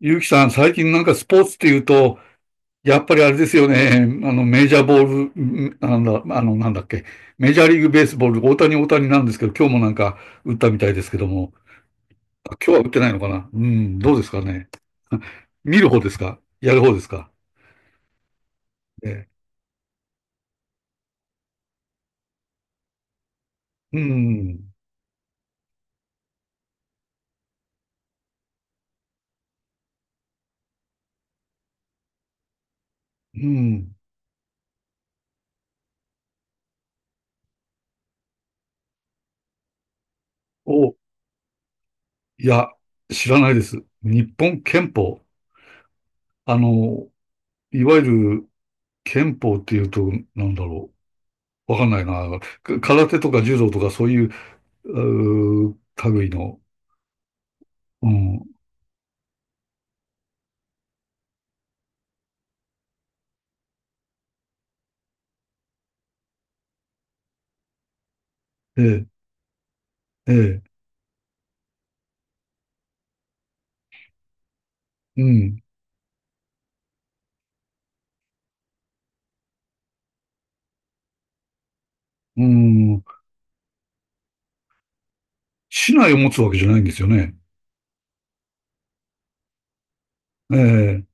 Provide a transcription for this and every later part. ゆうきさん、最近なんかスポーツっていうと、やっぱりあれですよね。メジャーボール、なんだっけ。メジャーリーグベースボール、大谷大谷なんですけど、今日もなんか打ったみたいですけども、あ、今日は打ってないのかな。うん、どうですかね。見る方ですか、やる方ですか？ええ、うん、うん。お、いや、知らないです。日本憲法。あの、いわゆる憲法っていうと、なんだろう。わかんないな。空手とか柔道とかそういう類の。うん。ええ、ええ、うん、うん。市内を持つわけじゃないんですよね。ええ。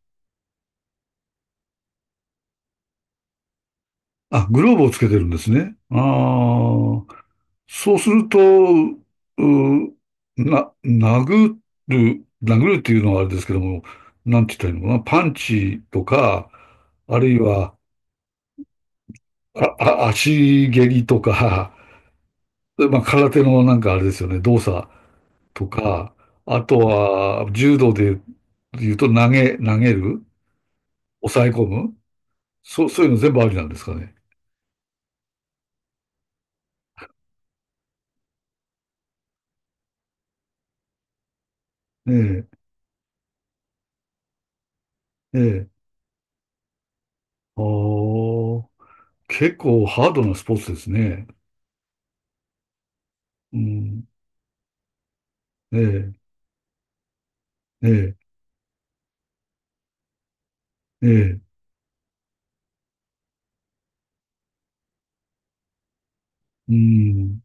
あ、グローブをつけてるんですね。ああ。そうすると、な、殴殴るっていうのはあれですけども、なんて言ったらいいのかな。パンチとか、あるいは、足蹴りとか、まあ、空手のなんかあれですよね、動作とか、あとは、柔道で言うと投げる、抑え込む、そういうの全部ありなんですかね。ええ、ええ。ああ、結構ハードなスポーツですね。うん。ええ、ええ、ええ。うん。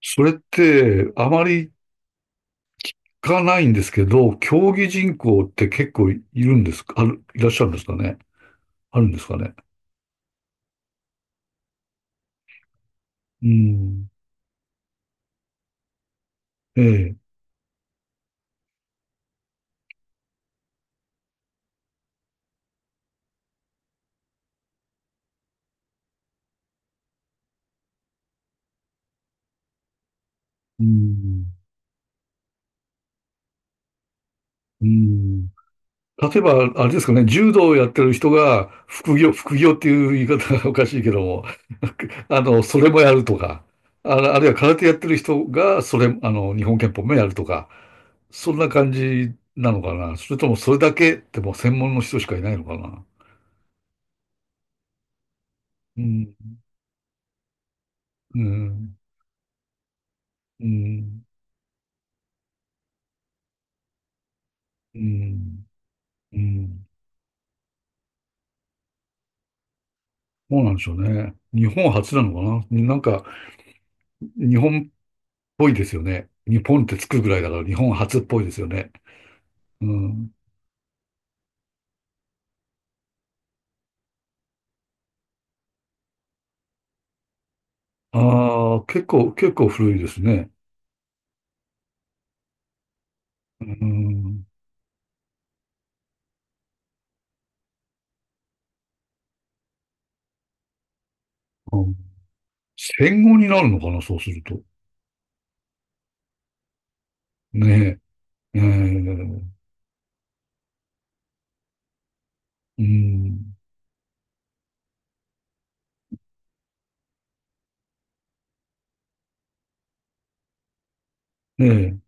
それって、あまり聞かないんですけど、競技人口って結構いるんですか、いらっしゃるんですかね。あるんですかね。うん。ええ、うん。うん。例えば、あれですかね、柔道をやってる人が、副業、副業っていう言い方が おかしいけども、それもやるとか、あるいは空手やってる人が、それ、あの、日本拳法もやるとか、そんな感じなのかな。それともそれだけってもう専門の人しかいないのかな。うん、うん、うん、うん、うん。そうなんでしょうね。日本初なのかな。なんか、日本っぽいですよね。日本ってつくぐらいだから、日本初っぽいですよね。うん。ああ、結構古いですね。うーん、うん。戦後になるのかな、そうすると。ねえ。うん、ねえ。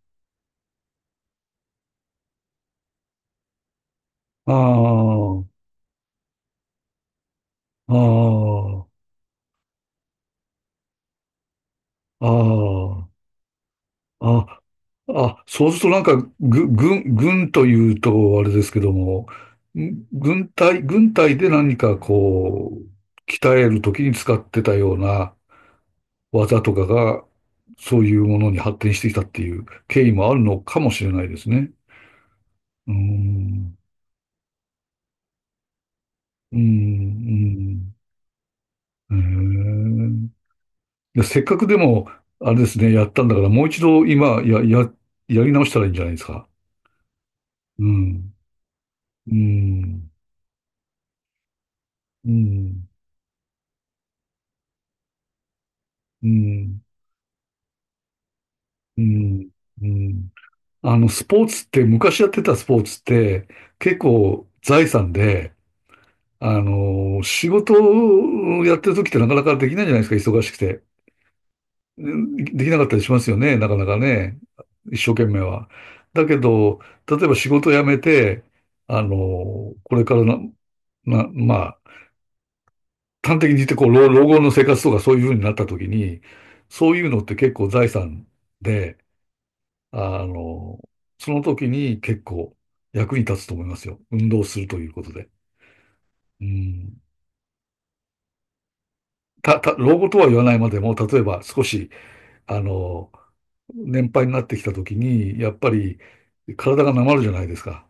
ああ、ああ、ああ、あ、あ、そうするとなんか、軍というと、あれですけども、軍隊で何かこう、鍛えるときに使ってたような、技とかが、そういうものに発展してきたっていう経緯もあるのかもしれないですね。うーん、うーん、うーん。へえ。で、せっかくでも、あれですね、やったんだから、もう一度今、やり直したらいいんじゃないですか。うん、うん、うん、うん、うん、うん。スポーツって、昔やってたスポーツって、結構財産で、仕事をやってる時ってなかなかできないじゃないですか、忙しくて。できなかったりしますよね、なかなかね。一生懸命は。だけど、例えば仕事を辞めて、これからまあ、端的に言ってこう、老後の生活とかそういうふうになった時に、そういうのって結構財産で、あの、その時に結構役に立つと思いますよ。運動するということで。うん。老後とは言わないまでも、例えば少し、あの、年配になってきた時に、やっぱり体がなまるじゃないですか。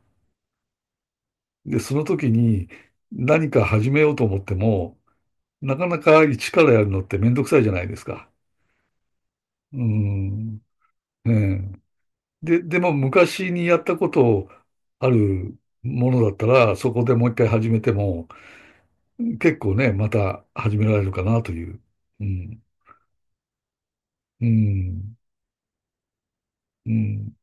で、その時に何か始めようと思っても、なかなか一からやるのってめんどくさいじゃないですか。うん。ええ、でも昔にやったことあるものだったら、そこでもう一回始めても、結構ね、また始められるかなという。うん。うん。うん。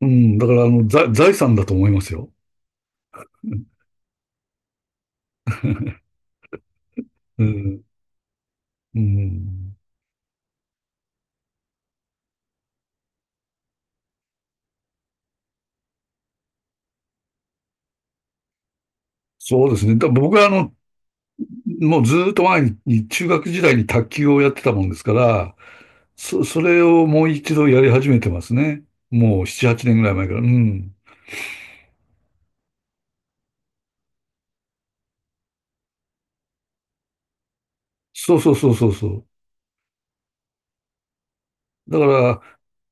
うん。だから、財産だと思いますよ。うん。うん。うん。そうですね。僕はもうずーっと前に中学時代に卓球をやってたもんですから、それをもう一度やり始めてますね。もう7、8年ぐらい前から。うん。そうそうそうそうそう。だから、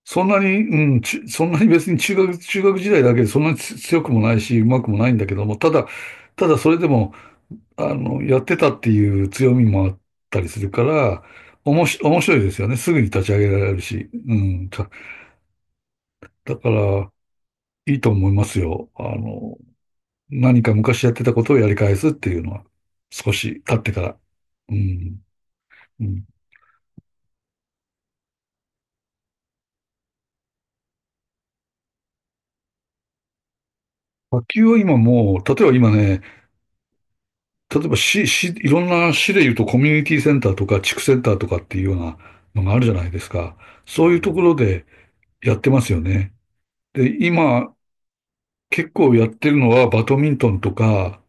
そんなに、うん、そんなに別に中学時代だけでそんなに強くもないし、うまくもないんだけども、ただそれでも、やってたっていう強みもあったりするから、おもし、面白いですよね。すぐに立ち上げられるし。うん。だから、いいと思いますよ。何か昔やってたことをやり返すっていうのは、少し経ってから。うん。うん。野球は今もう、例えば今ね、例えばいろんな市で言うとコミュニティセンターとか地区センターとかっていうようなのがあるじゃないですか。そういうところでやってますよね。で、今結構やってるのはバドミントンとか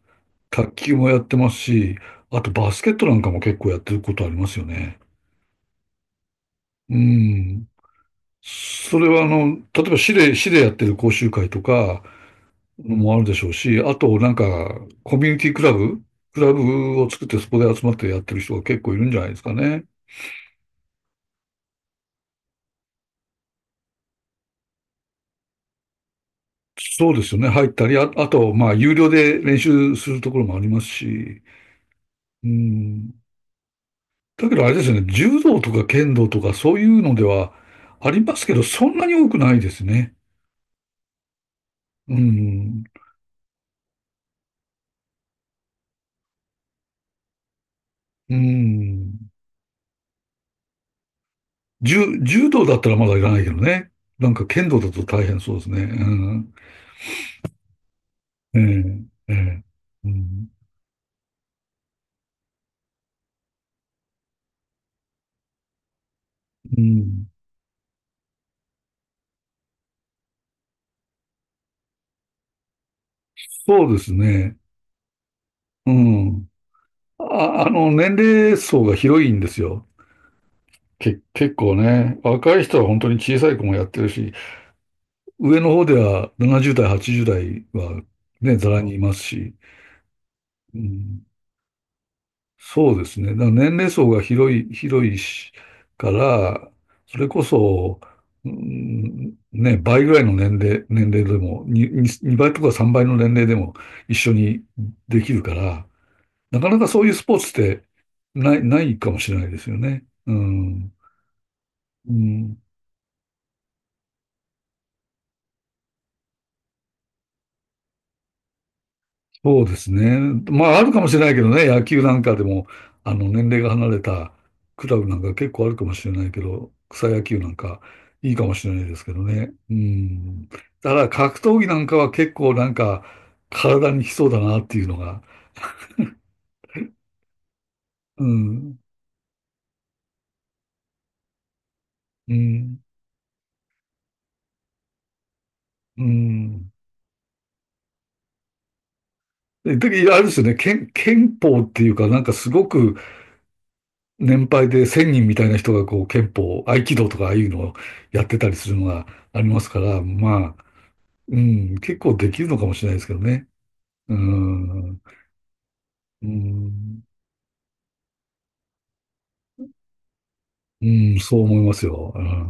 卓球もやってますし、あとバスケットなんかも結構やってることありますよね。うん。それは例えば市でやってる講習会とかもあるでしょうし、あとなんかコミュニティクラブ、クラブを作ってそこで集まってやってる人が結構いるんじゃないですかね。そうですよね。入ったり、あと、まあ、有料で練習するところもありますし、うん。だけどあれですよね、柔道とか剣道とかそういうのではありますけど、そんなに多くないですね。うん。うん。柔道だったらまだいらないけどね。なんか剣道だと大変そうですね。うん。ええ、ええ。うん。うん。そうですね。うん。年齢層が広いんですよ。結構ね。若い人は本当に小さい子もやってるし、上の方では70代、80代はね、ざらにいますし。うん。そうですね。だから年齢層が広いしから、それこそ、うん、ね、倍ぐらいの年齢でも、2倍とか3倍の年齢でも一緒にできるから、なかなかそういうスポーツってないかもしれないですよね。うん。うん。そうですね。まあ、あるかもしれないけどね、野球なんかでも、年齢が離れたクラブなんか結構あるかもしれないけど、草野球なんかいいかもしれないですけどね。うん。だから格闘技なんかは結構なんか体にきそうだなっていうのが。うん。うん。うん。であれですよね、憲法っていうか、なんかすごく年配で1000人みたいな人がこう憲法、合気道とかああいうのをやってたりするのがありますから、まあ、うん、結構できるのかもしれないですけどね。うん、うん、うん、そう思いますよ。うん。